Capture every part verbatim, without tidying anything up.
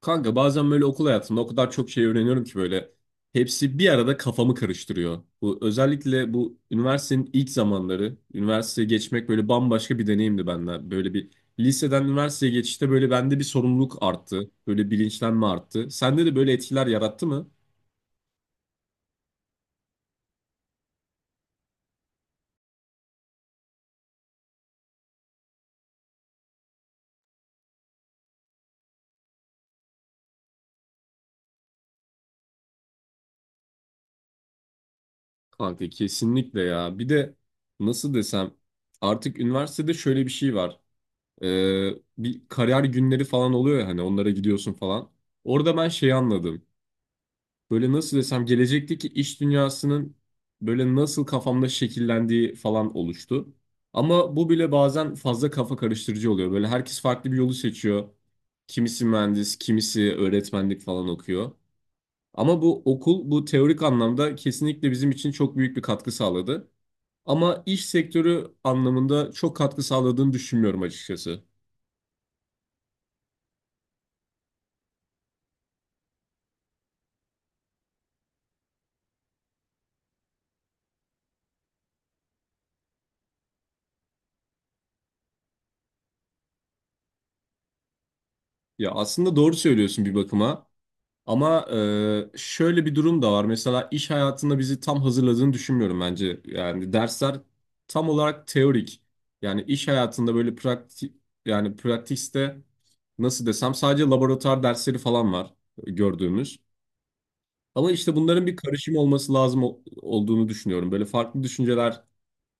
Kanka bazen böyle okul hayatında o kadar çok şey öğreniyorum ki böyle hepsi bir arada kafamı karıştırıyor. Bu özellikle bu üniversitenin ilk zamanları, üniversiteye geçmek böyle bambaşka bir deneyimdi bende. Böyle bir liseden üniversiteye geçişte böyle bende bir sorumluluk arttı. Böyle bilinçlenme arttı. Sende de böyle etkiler yarattı mı? Kanka kesinlikle ya. Bir de nasıl desem artık üniversitede şöyle bir şey var. Ee, Bir kariyer günleri falan oluyor ya hani onlara gidiyorsun falan. Orada ben şeyi anladım. Böyle nasıl desem gelecekteki iş dünyasının böyle nasıl kafamda şekillendiği falan oluştu. Ama bu bile bazen fazla kafa karıştırıcı oluyor. Böyle herkes farklı bir yolu seçiyor. Kimisi mühendis, kimisi öğretmenlik falan okuyor. Ama bu okul bu teorik anlamda kesinlikle bizim için çok büyük bir katkı sağladı. Ama iş sektörü anlamında çok katkı sağladığını düşünmüyorum açıkçası. Ya aslında doğru söylüyorsun bir bakıma. Ama e, şöyle bir durum da var. Mesela iş hayatında bizi tam hazırladığını düşünmüyorum bence. Yani dersler tam olarak teorik. Yani iş hayatında böyle pratik yani pratikte nasıl desem sadece laboratuvar dersleri falan var gördüğümüz. Ama işte bunların bir karışım olması lazım ol- olduğunu düşünüyorum. Böyle farklı düşünceler,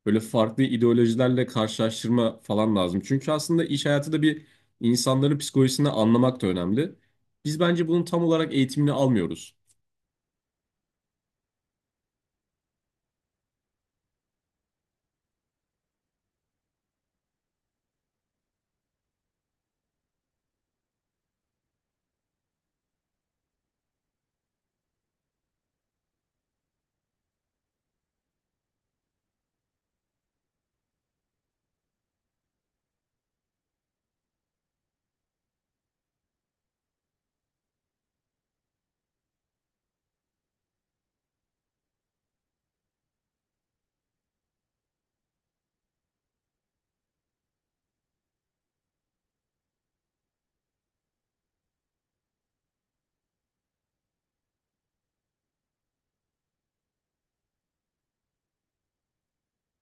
böyle farklı ideolojilerle karşılaştırma falan lazım. Çünkü aslında iş hayatı da bir insanların psikolojisini anlamak da önemli. Biz bence bunun tam olarak eğitimini almıyoruz.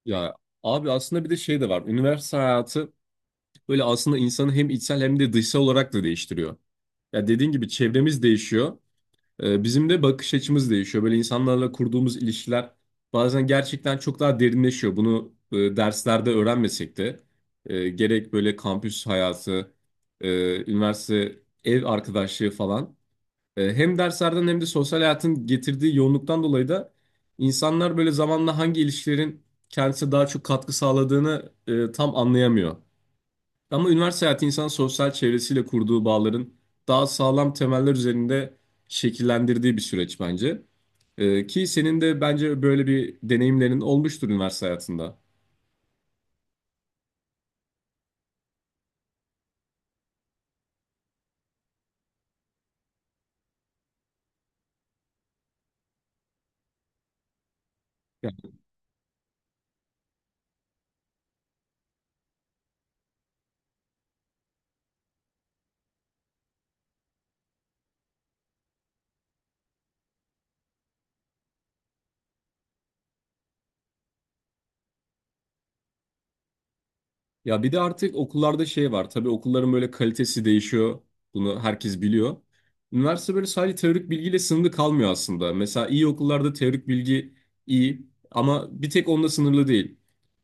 Ya abi aslında bir de şey de var. Üniversite hayatı böyle aslında insanı hem içsel hem de dışsal olarak da değiştiriyor. Ya dediğin gibi çevremiz değişiyor. Ee, bizim de bakış açımız değişiyor. Böyle insanlarla kurduğumuz ilişkiler bazen gerçekten çok daha derinleşiyor. Bunu e, derslerde öğrenmesek de e, gerek böyle kampüs hayatı, e, üniversite ev arkadaşlığı falan. E, Hem derslerden hem de sosyal hayatın getirdiği yoğunluktan dolayı da insanlar böyle zamanla hangi ilişkilerin kendisine daha çok katkı sağladığını e, tam anlayamıyor. Ama üniversite hayatı insanın sosyal çevresiyle kurduğu bağların daha sağlam temeller üzerinde şekillendirdiği bir süreç bence. E, ki senin de bence böyle bir deneyimlerin olmuştur üniversite hayatında. Ya bir de artık okullarda şey var. Tabii okulların böyle kalitesi değişiyor. Bunu herkes biliyor. Üniversite böyle sadece teorik bilgiyle sınırlı kalmıyor aslında. Mesela iyi okullarda teorik bilgi iyi ama bir tek onunla sınırlı değil.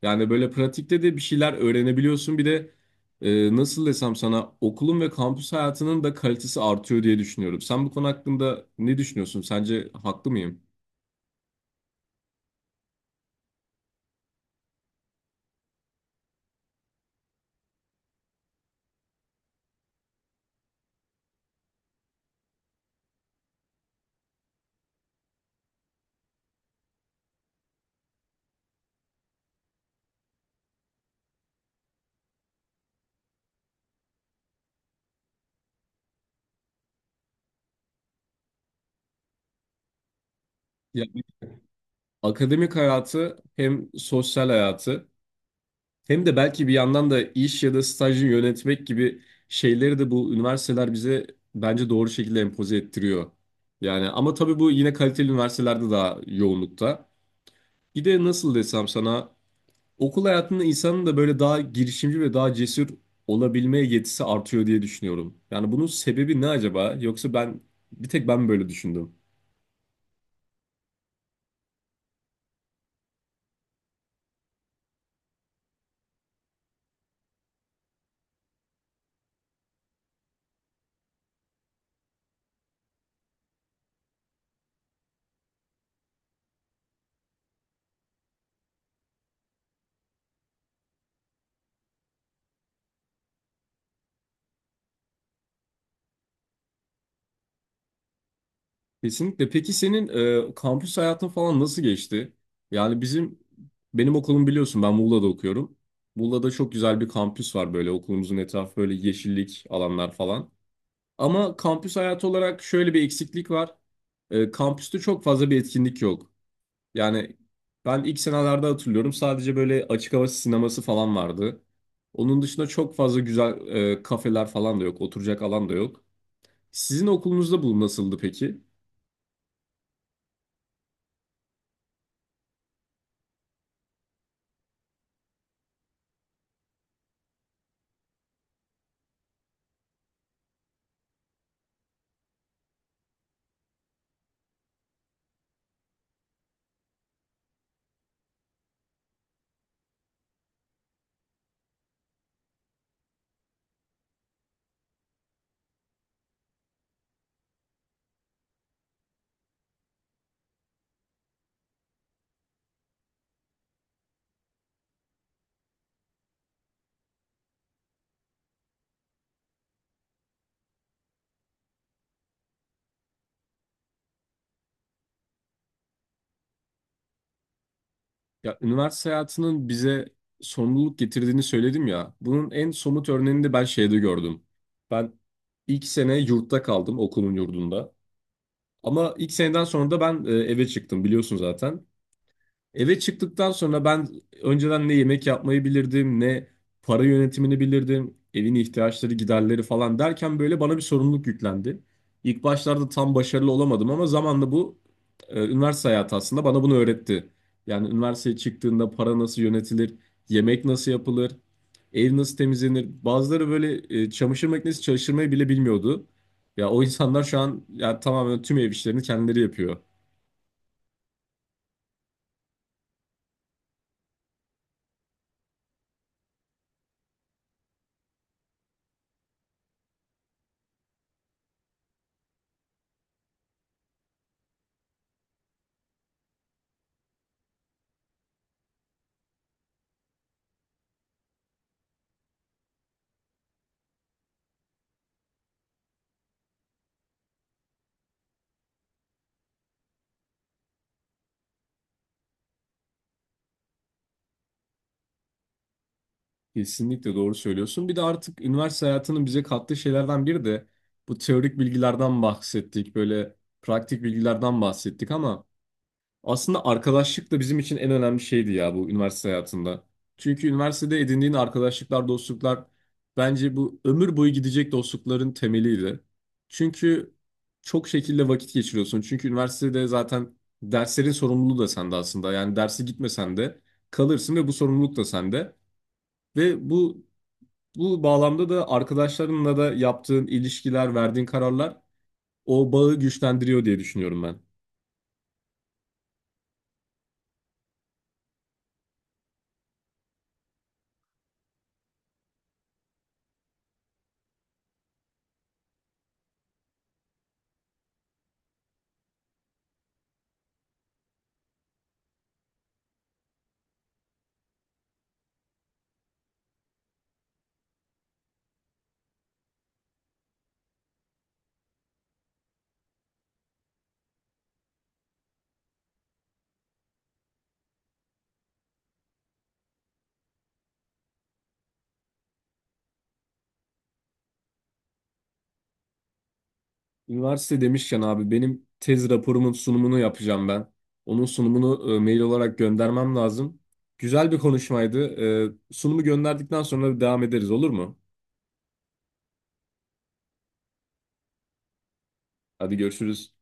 Yani böyle pratikte de bir şeyler öğrenebiliyorsun. Bir de e, nasıl desem sana okulun ve kampüs hayatının da kalitesi artıyor diye düşünüyorum. Sen bu konu hakkında ne düşünüyorsun? Sence haklı mıyım? Ya, akademik hayatı hem sosyal hayatı hem de belki bir yandan da iş ya da stajı yönetmek gibi şeyleri de bu üniversiteler bize bence doğru şekilde empoze ettiriyor. Yani ama tabii bu yine kaliteli üniversitelerde daha yoğunlukta. Bir de nasıl desem sana okul hayatında insanın da böyle daha girişimci ve daha cesur olabilmeye yetisi artıyor diye düşünüyorum. Yani bunun sebebi ne acaba? Yoksa ben bir tek ben mi böyle düşündüm? Kesinlikle. Peki senin e, kampüs hayatın falan nasıl geçti? Yani bizim benim okulum biliyorsun ben Muğla'da okuyorum. Muğla'da çok güzel bir kampüs var böyle okulumuzun etrafı böyle yeşillik alanlar falan. Ama kampüs hayatı olarak şöyle bir eksiklik var. E, kampüste çok fazla bir etkinlik yok. Yani ben ilk senelerde hatırlıyorum sadece böyle açık hava sineması falan vardı. Onun dışında çok fazla güzel e, kafeler falan da yok, oturacak alan da yok. Sizin okulunuzda bu nasıldı peki? Ya üniversite hayatının bize sorumluluk getirdiğini söyledim ya. Bunun en somut örneğini de ben şeyde gördüm. Ben ilk sene yurtta kaldım okulun yurdunda. Ama ilk seneden sonra da ben e, eve çıktım biliyorsun zaten. Eve çıktıktan sonra ben önceden ne yemek yapmayı bilirdim, ne para yönetimini bilirdim, evin ihtiyaçları, giderleri falan derken böyle bana bir sorumluluk yüklendi. İlk başlarda tam başarılı olamadım ama zamanla bu e, üniversite hayatı aslında bana bunu öğretti. Yani üniversiteye çıktığında para nasıl yönetilir, yemek nasıl yapılır, ev nasıl temizlenir. Bazıları böyle e, çamaşır makinesi çalıştırmayı bile bilmiyordu. Ya o insanlar şu an ya tamamen tüm ev işlerini kendileri yapıyor. Kesinlikle doğru söylüyorsun. Bir de artık üniversite hayatının bize kattığı şeylerden biri de bu teorik bilgilerden bahsettik, böyle praktik bilgilerden bahsettik ama aslında arkadaşlık da bizim için en önemli şeydi ya bu üniversite hayatında. Çünkü üniversitede edindiğin arkadaşlıklar, dostluklar bence bu ömür boyu gidecek dostlukların temeliydi. Çünkü çok şekilde vakit geçiriyorsun. Çünkü üniversitede zaten derslerin sorumluluğu da sende aslında. Yani derse gitmesen de kalırsın ve bu sorumluluk da sende. Ve bu bu bağlamda da arkadaşlarınla da yaptığın ilişkiler, verdiğin kararlar o bağı güçlendiriyor diye düşünüyorum ben. Üniversite demişken abi benim tez raporumun sunumunu yapacağım ben. Onun sunumunu e, mail olarak göndermem lazım. Güzel bir konuşmaydı. E, sunumu gönderdikten sonra devam ederiz olur mu? Hadi görüşürüz.